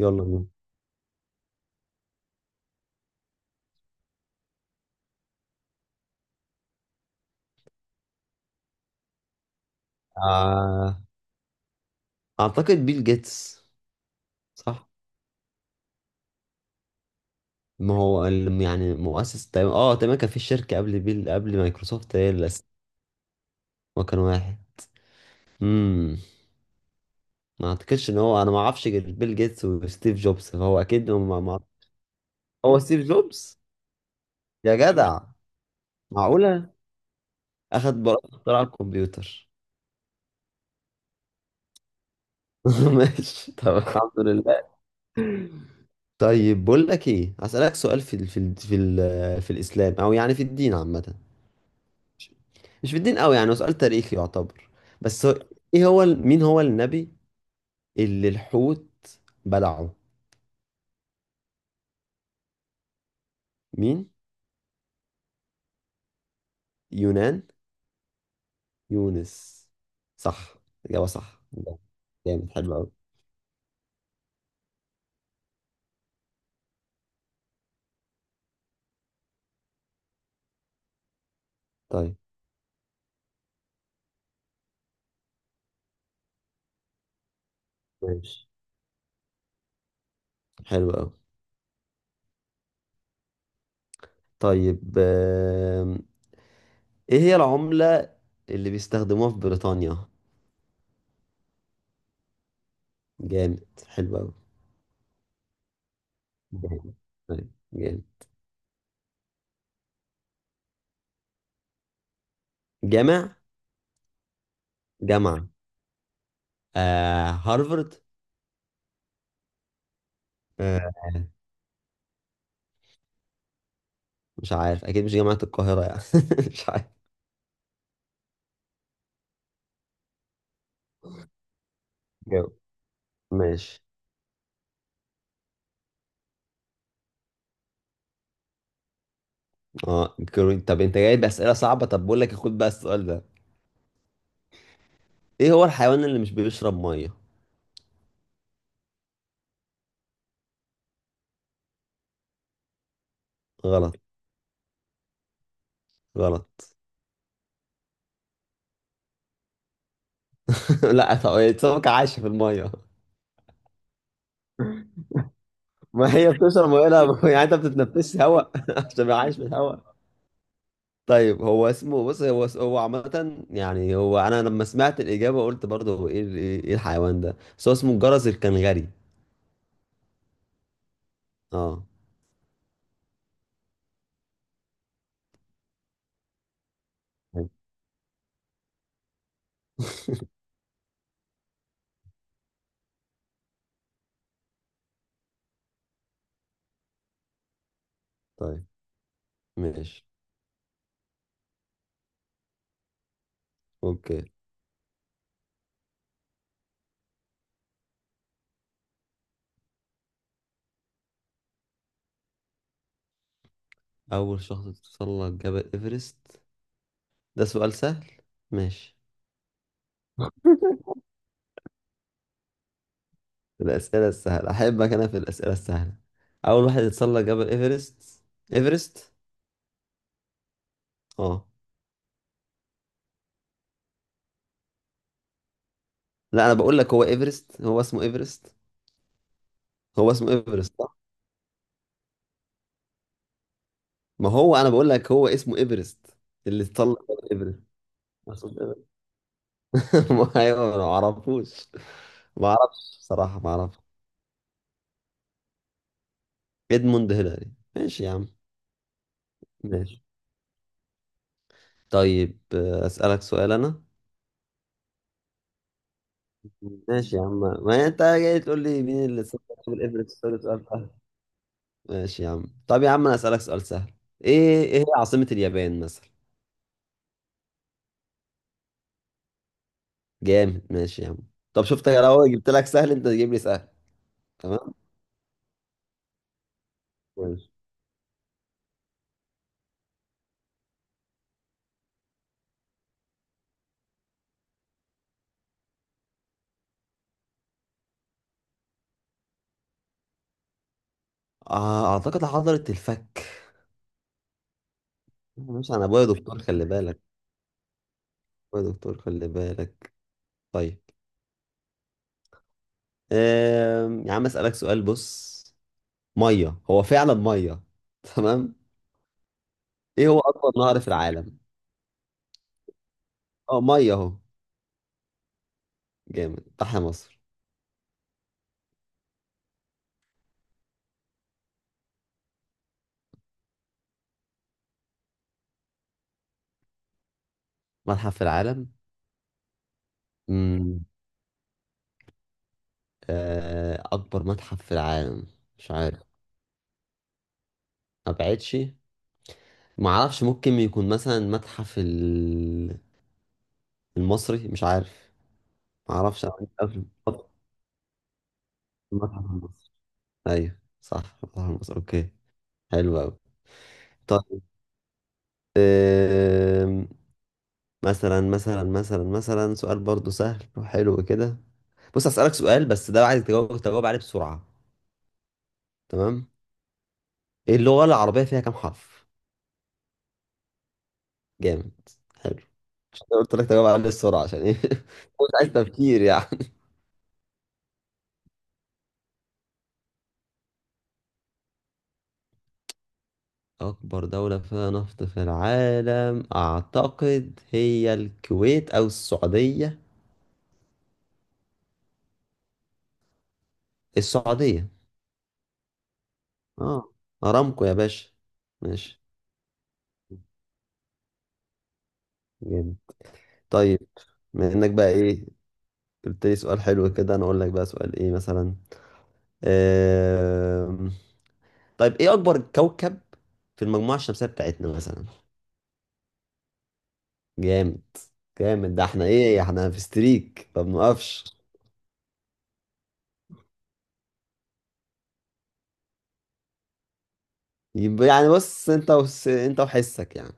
يلا بينا. آه، اعتقد بيل جيتس. صح. ما هو ال- يعني مؤسس تقريبا تقريبا كان في شركة قبل بيل قبل مايكروسوفت، هو كان واحد. امم ما اعتقدش ان هو، انا ما اعرفش غير بيل جيتس وستيف جوبز، فهو اكيد ما... ما... هو ستيف جوبز. يا جدع، معقولة اخد براءة اختراع الكمبيوتر؟ ماشي، طب الحمد لله. طيب بقول لك ايه، هسألك سؤال في الاسلام او يعني في الدين عامة. مش في الدين قوي يعني، هو سؤال تاريخي يعتبر. بس هو، مين هو النبي اللي الحوت بلعه؟ مين؟ يونان. يونس. صح، إجابة صح. جامد، حلو قوي. طيب، ماشي، حلو قوي. طيب، ايه هي العملة اللي بيستخدموها في بريطانيا؟ جامد، حلو قوي. جامد، طيب، جامد. جامع جامعة؟ هارفارد. آه مش عارف، اكيد مش جامعة القاهرة يعني. مش عارف. جاوب، ماشي. طب انت جاي بأسئلة صعبة، طب بقول لك خد بقى السؤال ده. ايه هو الحيوان اللي مش بيشرب مية؟ غلط، غلط. لا، طب. سمكة عايشة في المية. ما هي بتشرب مية، لا يعني انت بتتنفسش هواء عشان يبقى عايش في الهواء. طيب هو اسمه، بص، هو عامة يعني، هو انا لما سمعت الإجابة قلت برضه هو، ايه ال- ايه إيه الحيوان ده، بس هو اسمه الجرس الكنغري. اه طيب. طيب، ماشي، اوكي. اول شخص تتسلق جبل ايفرست؟ ده سؤال سهل، ماشي. في الأسئلة السهلة أحبك أنا، في الأسئلة السهلة. أول واحد يتسلق جبل إيفرست، إيفرست. أه. لا، أنا بقول لك هو إيفرست، هو اسمه إيفرست. هو اسمه إيفرست صح. ما هو أنا بقول لك هو اسمه إيفرست. اللي اتسلق جبل إيفرست، أقصد إيفرست. ما أيوه، أنا ما أعرفوش. ما أعرفش بصراحة، ما أعرفش. إدموند هيلاري، ماشي يا عم. ماشي. طيب، أسألك سؤال أنا. ماشي يا عم، ما أنت جاي تقول لي مين اللي اتسلق جبل إيفرست، سؤال سؤال. ماشي يا عم، طب يا عم انا اسالك سؤال سهل. ايه هي عاصمة اليابان مثلا؟ جامد، ماشي يا عم. طب شفت، يا لو جبت لك سهل انت تجيب لي سهل. تمام، ماشي. اعتقد حضرة الفك. مش انا، ابويا دكتور خلي بالك. ابويا دكتور خلي بالك. طيب، يا عم اسالك سؤال، بص. ميه هو فعلا ميه. تمام. ايه هو اكبر نهر في العالم؟ اه ميه اهو. جامد، تحيا مصر. متحف في العالم؟ امم اكبر متحف في العالم؟ مش عارف. ما بعتش. ما اعرفش، ممكن يكون مثلا المتحف المصري، مش عارف. ما اعرفش، انا عندي قبل. المتحف المصري. ايوه صح، المتحف المصري، اوكي. حلو قوي. طيب، آم، مثلا سؤال برضو سهل وحلو كده. بص هسألك سؤال، بس ده عايز تجاوب عليه بسرعة. تمام. ايه اللغة العربية فيها كام حرف؟ جامد، حلو. عشان كده قلت لك تجاوب عليه بسرعة، عشان ايه مش عايز تفكير يعني. أكبر دولة فيها نفط في العالم؟ أعتقد هي الكويت أو السعودية. السعودية. اه أرامكو يا باشا. ماشي، جامد. طيب، بما إنك بقى إيه، قلت لي سؤال حلو كده، أنا أقول لك بقى سؤال إيه مثلا. آم... طيب، إيه أكبر كوكب في المجموعة الشمسية بتاعتنا مثلا؟ جامد، جامد، ده احنا في ستريك ما بنوقفش. يبقى يعني، بص أنت وحسك يعني.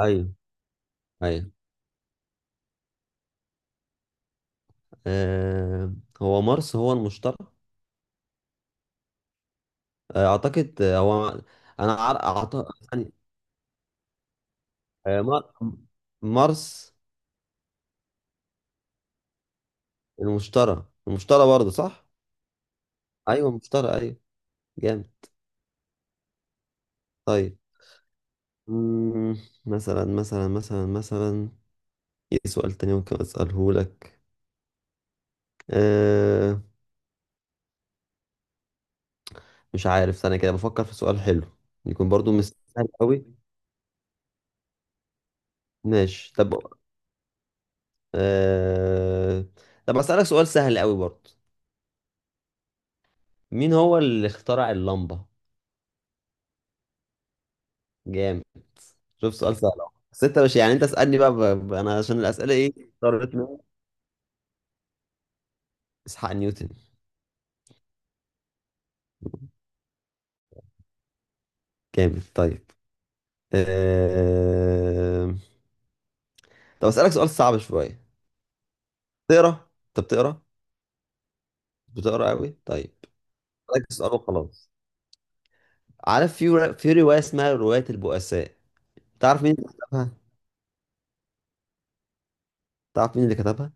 ايوه، ايوه. آه، هو مارس، هو المشترك؟ اعتقد هو، انا عار... أعت... يعني، آه، مار... مارس. المشترى، المشترى برضه صح. ايوه، المشترى، ايوه. جامد. طيب. مم، مثلا ايه سؤال تاني ممكن اساله لك؟ أه... مش عارف، استنى كده بفكر في سؤال حلو، يكون برضه مش سهل قوي. ماشي، طب. أه... طب اسالك سؤال سهل قوي برضه. مين هو اللي اخترع اللمبة؟ جامد. شوف سؤال سهل أهو. بس انت مش يعني، انت اسألني بقى انا عشان الأسئلة ايه. اضطريت منها. اسحاق نيوتن. جامد. طيب. أه... طب اسألك سؤال صعب شوية. تقرا انت بتقرا؟ بتقرا قوي، طيب. اسألك سؤال وخلاص. عارف في رواية اسمها رواية البؤساء؟ تعرف مين اللي كتبها تعرف مين اللي كتبها؟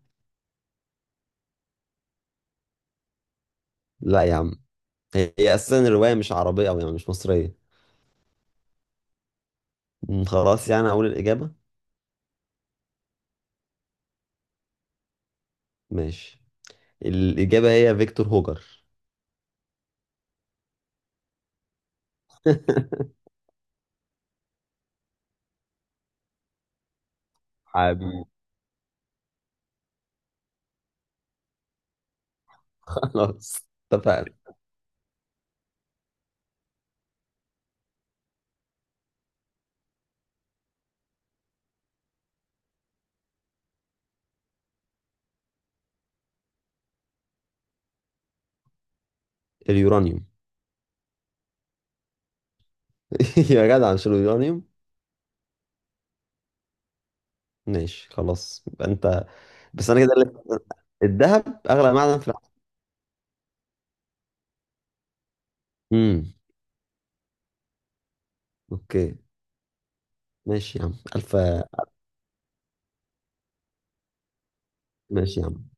لا يا عم. هي اساسا الرواية مش عربية، او يعني مش مصرية. خلاص يعني اقول الإجابة. ماشي، الإجابة هي فيكتور هوجر. حبيبي. خلاص. اتفقنا. اليورانيوم. يا جدع، مش اليورانيوم؟ ماشي، خلاص يبقى انت. بس انا كده اللي... الذهب اغلى معدن في العالم. امم اوكي. ماشي يا عم، الف. ماشي يا عم.